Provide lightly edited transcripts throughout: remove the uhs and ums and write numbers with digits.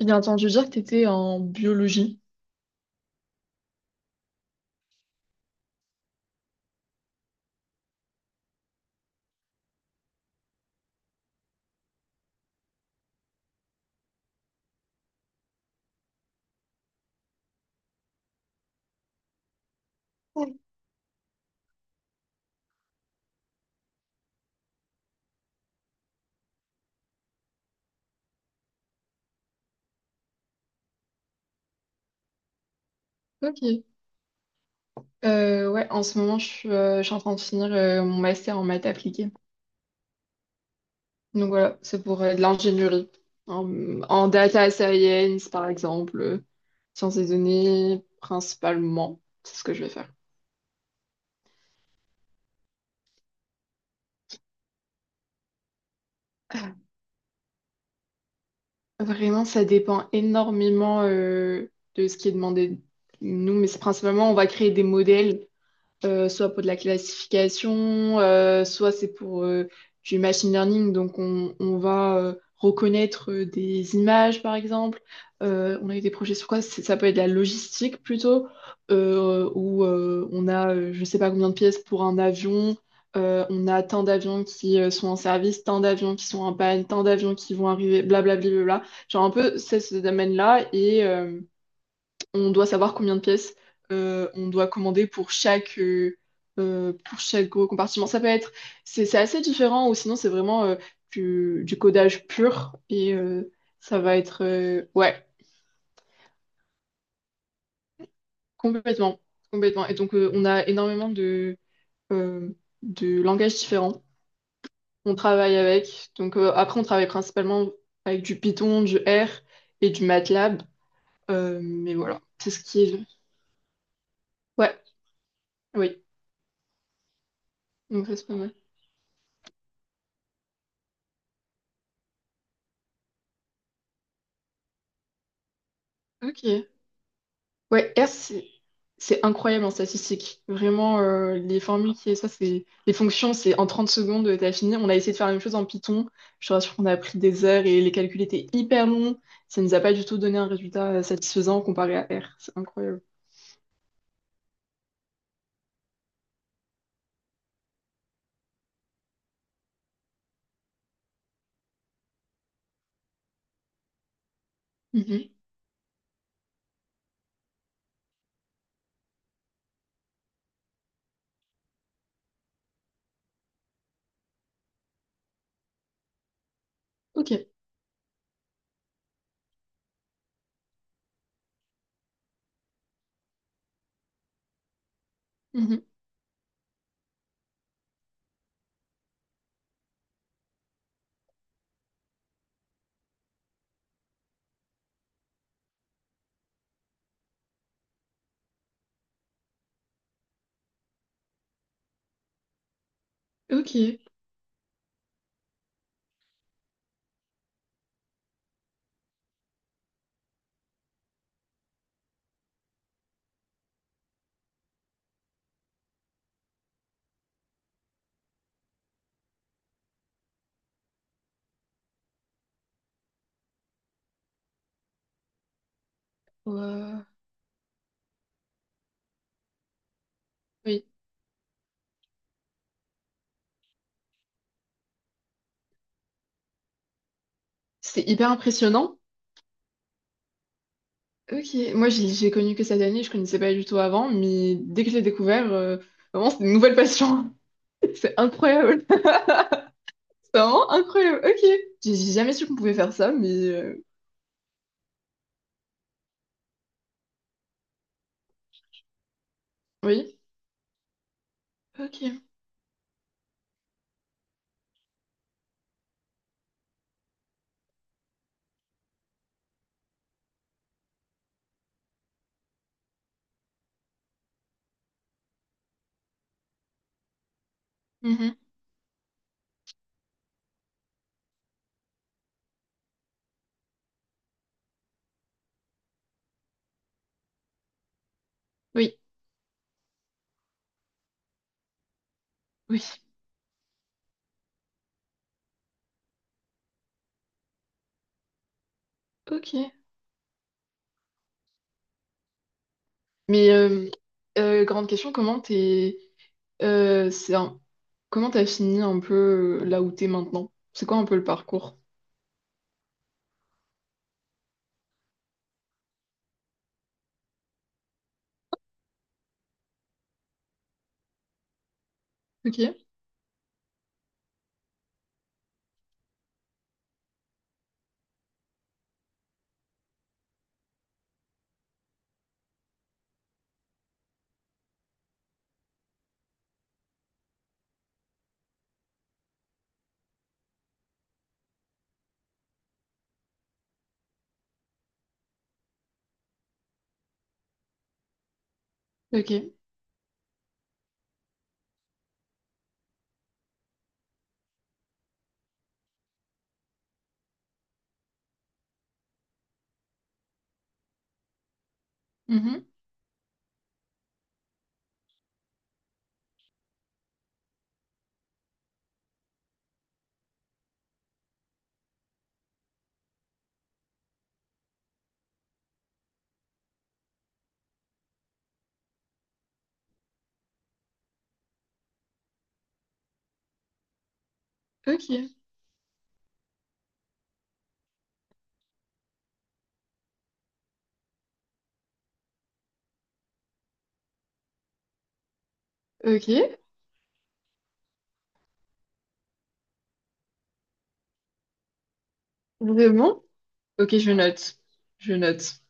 J'ai entendu dire que tu étais en biologie. Oui. Ok. Ouais, en ce moment, je suis en train de finir mon master en maths appliquée. Donc voilà, c'est pour de l'ingénierie. En, en data science, par exemple, sciences des données, principalement. C'est ce que je vais faire. Vraiment, ça dépend énormément de ce qui est demandé de nous, mais c'est principalement, on va créer des modèles soit pour de la classification, soit c'est pour du machine learning. Donc, on va reconnaître des images, par exemple. On a eu des projets sur quoi? Ça peut être de la logistique plutôt, où on a je ne sais pas combien de pièces pour un avion. On a tant d'avions qui sont en service, tant d'avions qui sont en panne, tant d'avions qui vont arriver, blablabla. Genre un peu c'est ce domaine-là. Et, on doit savoir combien de pièces on doit commander pour chaque gros compartiment. Ça peut être, c'est assez différent ou sinon c'est vraiment du codage pur et ça va être, ouais, complètement, complètement. Et donc on a énormément euh, de langages différents. Donc après on travaille principalement avec du Python, du R et du MATLAB. Mais voilà, c'est ce qui est. Ouais, oui, donc ça c'est pas mal. Ok. Ouais, R, c'est incroyable en statistique. Vraiment, les formules qui est ça, c'est les fonctions, c'est en 30 secondes, t'as fini. On a essayé de faire la même chose en Python. Je te rassure qu'on a pris des heures et les calculs étaient hyper longs. Ça nous a pas du tout donné un résultat satisfaisant comparé à R. C'est incroyable. Mhm. Ok. Mhm. Ok. Ouais. Oui. C'est hyper impressionnant. Ok. Moi, j'ai connu que cette année, je connaissais pas du tout avant, mais dès que je l'ai découvert, vraiment, c'est une nouvelle passion. C'est incroyable. C'est vraiment incroyable. Ok. J'ai jamais su qu'on pouvait faire ça, mais oui. Ok. Mhm. Oui. Oui. Ok. Mais grande question, euh, c'est un- comment t'as fini un peu là où t'es maintenant? C'est quoi un peu le parcours? Ok. Ok. Mhm. Ok. Ok. Vraiment? Ok, je note. Je note.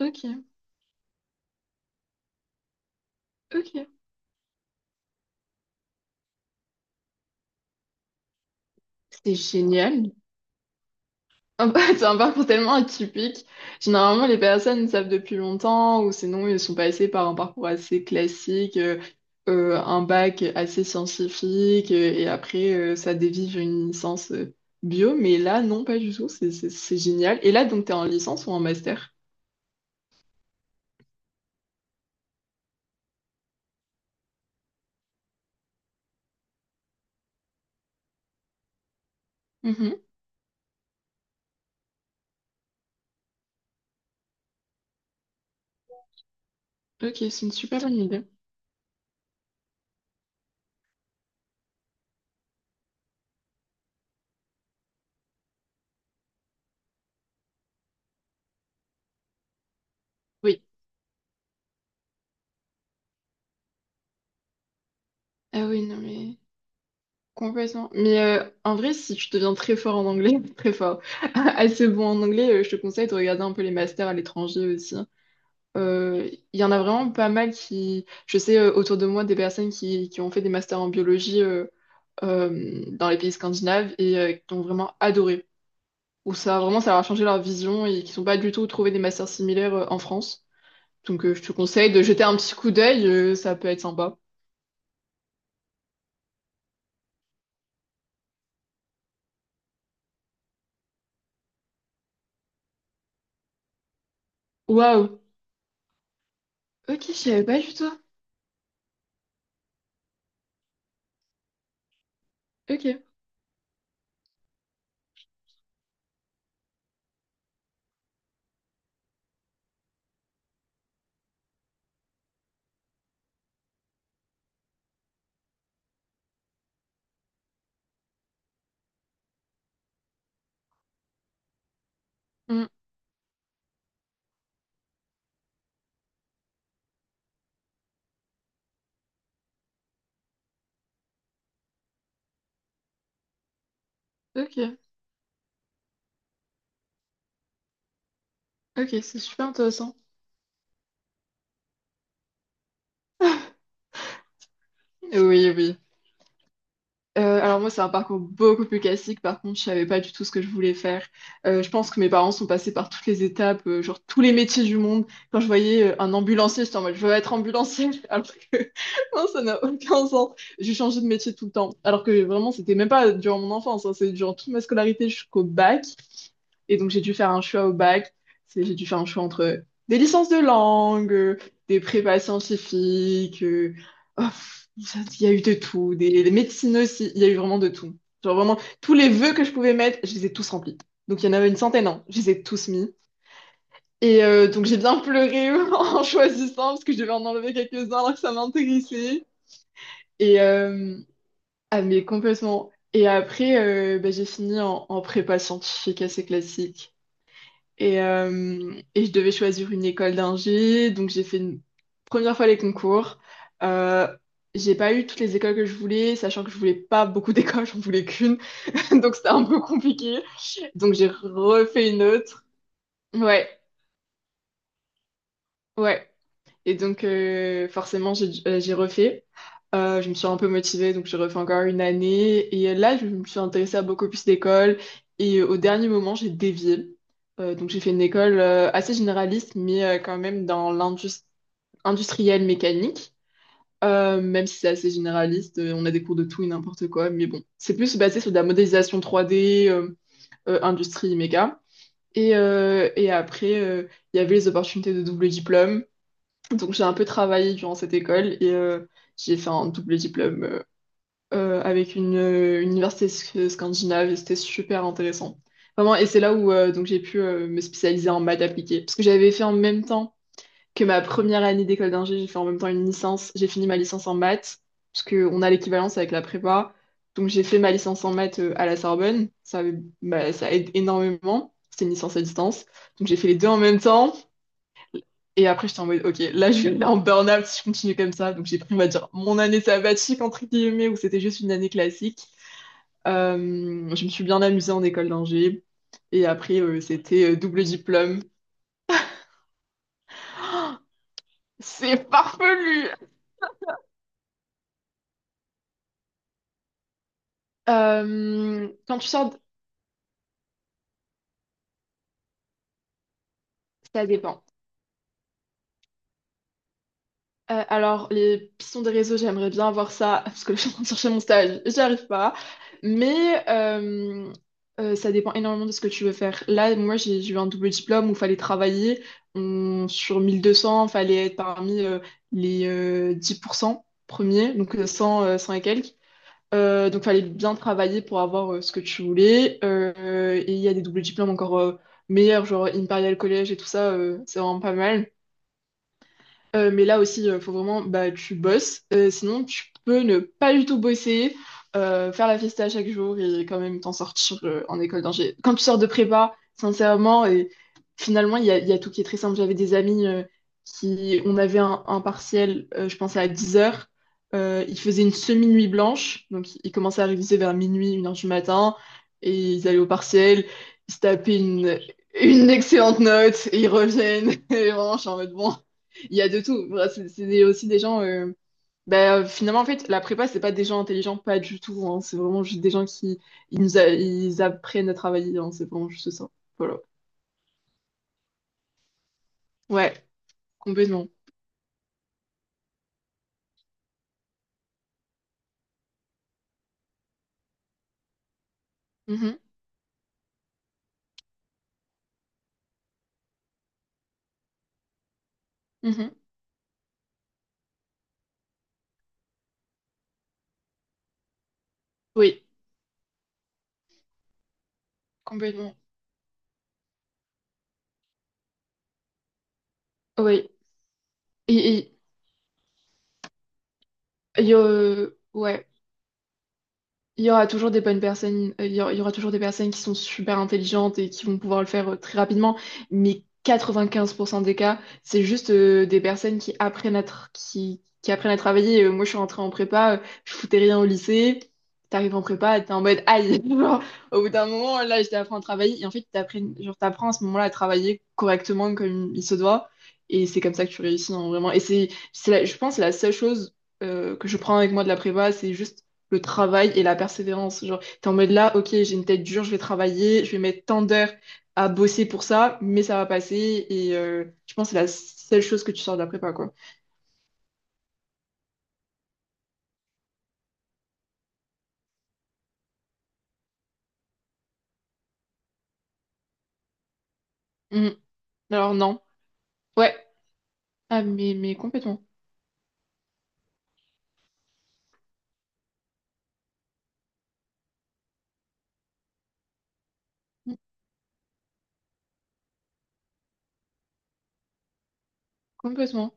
Ok. Ok. C'est génial. C'est un parcours tellement atypique. Généralement, les personnes le savent depuis longtemps ou sinon ils sont passés par un parcours assez classique, un bac assez scientifique et après ça dévie vers une licence bio. Mais là, non, pas du tout. C'est génial. Et là, donc, t'es en licence ou en master? Mhm. Ok, c'est une super bonne idée. Oui. Ah oui, non, mais complètement. Mais en vrai, si tu deviens très fort en anglais, très fort, assez bon en anglais, je te conseille de regarder un peu les masters à l'étranger aussi, hein. Il y en a vraiment pas mal je sais autour de moi des personnes qui ont fait des masters en biologie dans les pays scandinaves et qui ont vraiment adoré. Ou ça, vraiment, ça leur a changé leur vision et qui sont pas du tout trouvé des masters similaires en France. Donc je te conseille de jeter un petit coup d'œil, ça peut être sympa. Waouh! Ok, je savais pas du tout. Ok. Hmm. Ok. Ok, c'est super intéressant. Oui, oui. Alors moi, c'est un parcours beaucoup plus classique. Par contre, je savais pas du tout ce que je voulais faire. Je pense que mes parents sont passés par toutes les étapes, genre tous les métiers du monde. Quand je voyais un ambulancier, j'étais en mode, je veux être ambulancier. Alors que non, ça n'a aucun sens. J'ai changé de métier tout le temps. Alors que vraiment, c'était même pas durant mon enfance, hein. C'est durant toute ma scolarité jusqu'au bac. Et donc, j'ai dû faire un choix au bac. J'ai dû faire un choix entre des licences de langue, des prépas scientifiques. Oh, pff, il y a eu de tout. Des médecines aussi. Il y a eu vraiment de tout. Genre, vraiment, tous les vœux que je pouvais mettre, je les ai tous remplis. Donc, il y en avait une centaine, hein. Je les ai tous mis. Et donc, j'ai bien pleuré en choisissant parce que je devais en enlever quelques-uns alors que ça m'intéressait. Et, ah, mais complètement. Et après, bah, j'ai fini en, prépa scientifique assez classique. Et je devais choisir une école d'ingé, donc j'ai fait une première fois les concours. Euh, j'ai pas eu toutes les écoles que je voulais, sachant que je voulais pas beaucoup d'écoles, j'en voulais qu'une, donc c'était un peu compliqué. Donc j'ai refait une autre. Ouais, ouais. Et donc, forcément, j'ai refait. Je me suis un peu motivée, donc j'ai refait encore une année. Et là, je me suis intéressée à beaucoup plus d'écoles. Et au dernier moment, j'ai dévié. Donc, j'ai fait une école assez généraliste, mais quand même dans l'industrie industrielle mécanique. Même si c'est assez généraliste, on a des cours de tout et n'importe quoi. Mais bon, c'est plus basé sur de la modélisation 3D, industrie méca. Et après, il y avait les opportunités de double diplôme. Donc j'ai un peu travaillé durant cette école et j'ai fait un double diplôme avec une université scandinave et c'était super intéressant. Vraiment, et c'est là où donc j'ai pu me spécialiser en maths appliquées. Parce que j'avais fait en même temps que ma première année d'école d'ingé, j'ai fait en même temps une licence. J'ai fini ma licence en maths, parce qu'on a l'équivalence avec la prépa. Donc j'ai fait ma licence en maths à la Sorbonne. Bah, ça aide énormément. C'était une licence à distance. Donc j'ai fait les deux en même temps. Et après, j'étais en mode, OK, là, je suis en burn-out si je continue comme ça. Donc, j'ai pris, on va dire, mon année sabbatique, entre guillemets, où c'était juste une année classique. Euh, je me suis bien amusée en école d'ingé. Et après, c'était double diplôme. C'est farfelu! Quand tu sors, ça dépend. Alors, les pistons des réseaux, j'aimerais bien avoir ça, parce que je suis en train de chercher mon stage, j'y arrive pas. Mais ça dépend énormément de ce que tu veux faire. Là, moi, j'ai eu un double diplôme où il fallait travailler. Sur 1200, il fallait être parmi les 10% premiers, donc 100 et quelques. Donc, il fallait bien travailler pour avoir ce que tu voulais. Et il y a des doubles diplômes encore meilleurs, genre Imperial College et tout ça, c'est vraiment pas mal. Mais là aussi, il faut vraiment, bah, tu bosses. Sinon, tu peux ne pas du tout bosser, faire la fiesta chaque jour et quand même t'en sortir en école d'ingé. Quand tu sors de prépa, sincèrement, et finalement, il y a tout qui est très simple. J'avais des amis qui, on avait un partiel, je pense, à 10 heures. Ils faisaient une semi-nuit blanche. Donc, ils commençaient à réviser vers minuit, 1 heure du matin. Et ils allaient au partiel. Ils se tapaient une excellente note et ils reviennent. Et vraiment, je suis en mode bon. Il y a de tout. Voilà, c'est aussi des gens. Bah, finalement, en fait, la prépa, c'est pas des gens intelligents, pas du tout, hein. C'est vraiment juste des gens qui ils apprennent à travailler, hein. C'est vraiment juste ça. Voilà. Ouais, complètement. Mhm, mhm. Oui, complètement. Oui. Et, et, ouais. Il y aura toujours des bonnes personnes, il y aura toujours des personnes qui sont super intelligentes et qui vont pouvoir le faire très rapidement, mais 95% des cas, c'est juste des personnes qui apprennent à travailler. Moi, je suis rentrée en prépa, je foutais rien au lycée. T'arrives en prépa, t'es en mode aïe. Genre, au bout d'un moment, là, je t'apprends à travailler. Et en fait, t'apprends, genre, t'apprends à ce moment-là à travailler correctement comme il se doit. Et c'est comme ça que tu réussis, hein, vraiment. Et c'est je pense, la seule chose que je prends avec moi de la prépa, c'est juste le travail et la persévérance. Genre, t'es en mode là, ok, j'ai une tête dure, je vais travailler, je vais mettre tant d'heures à bosser pour ça, mais ça va passer. Et je pense que c'est la seule chose que tu sors de la prépa, quoi. Mhm. Alors non. Ouais. Ah, mais complètement. Mhm. Complètement.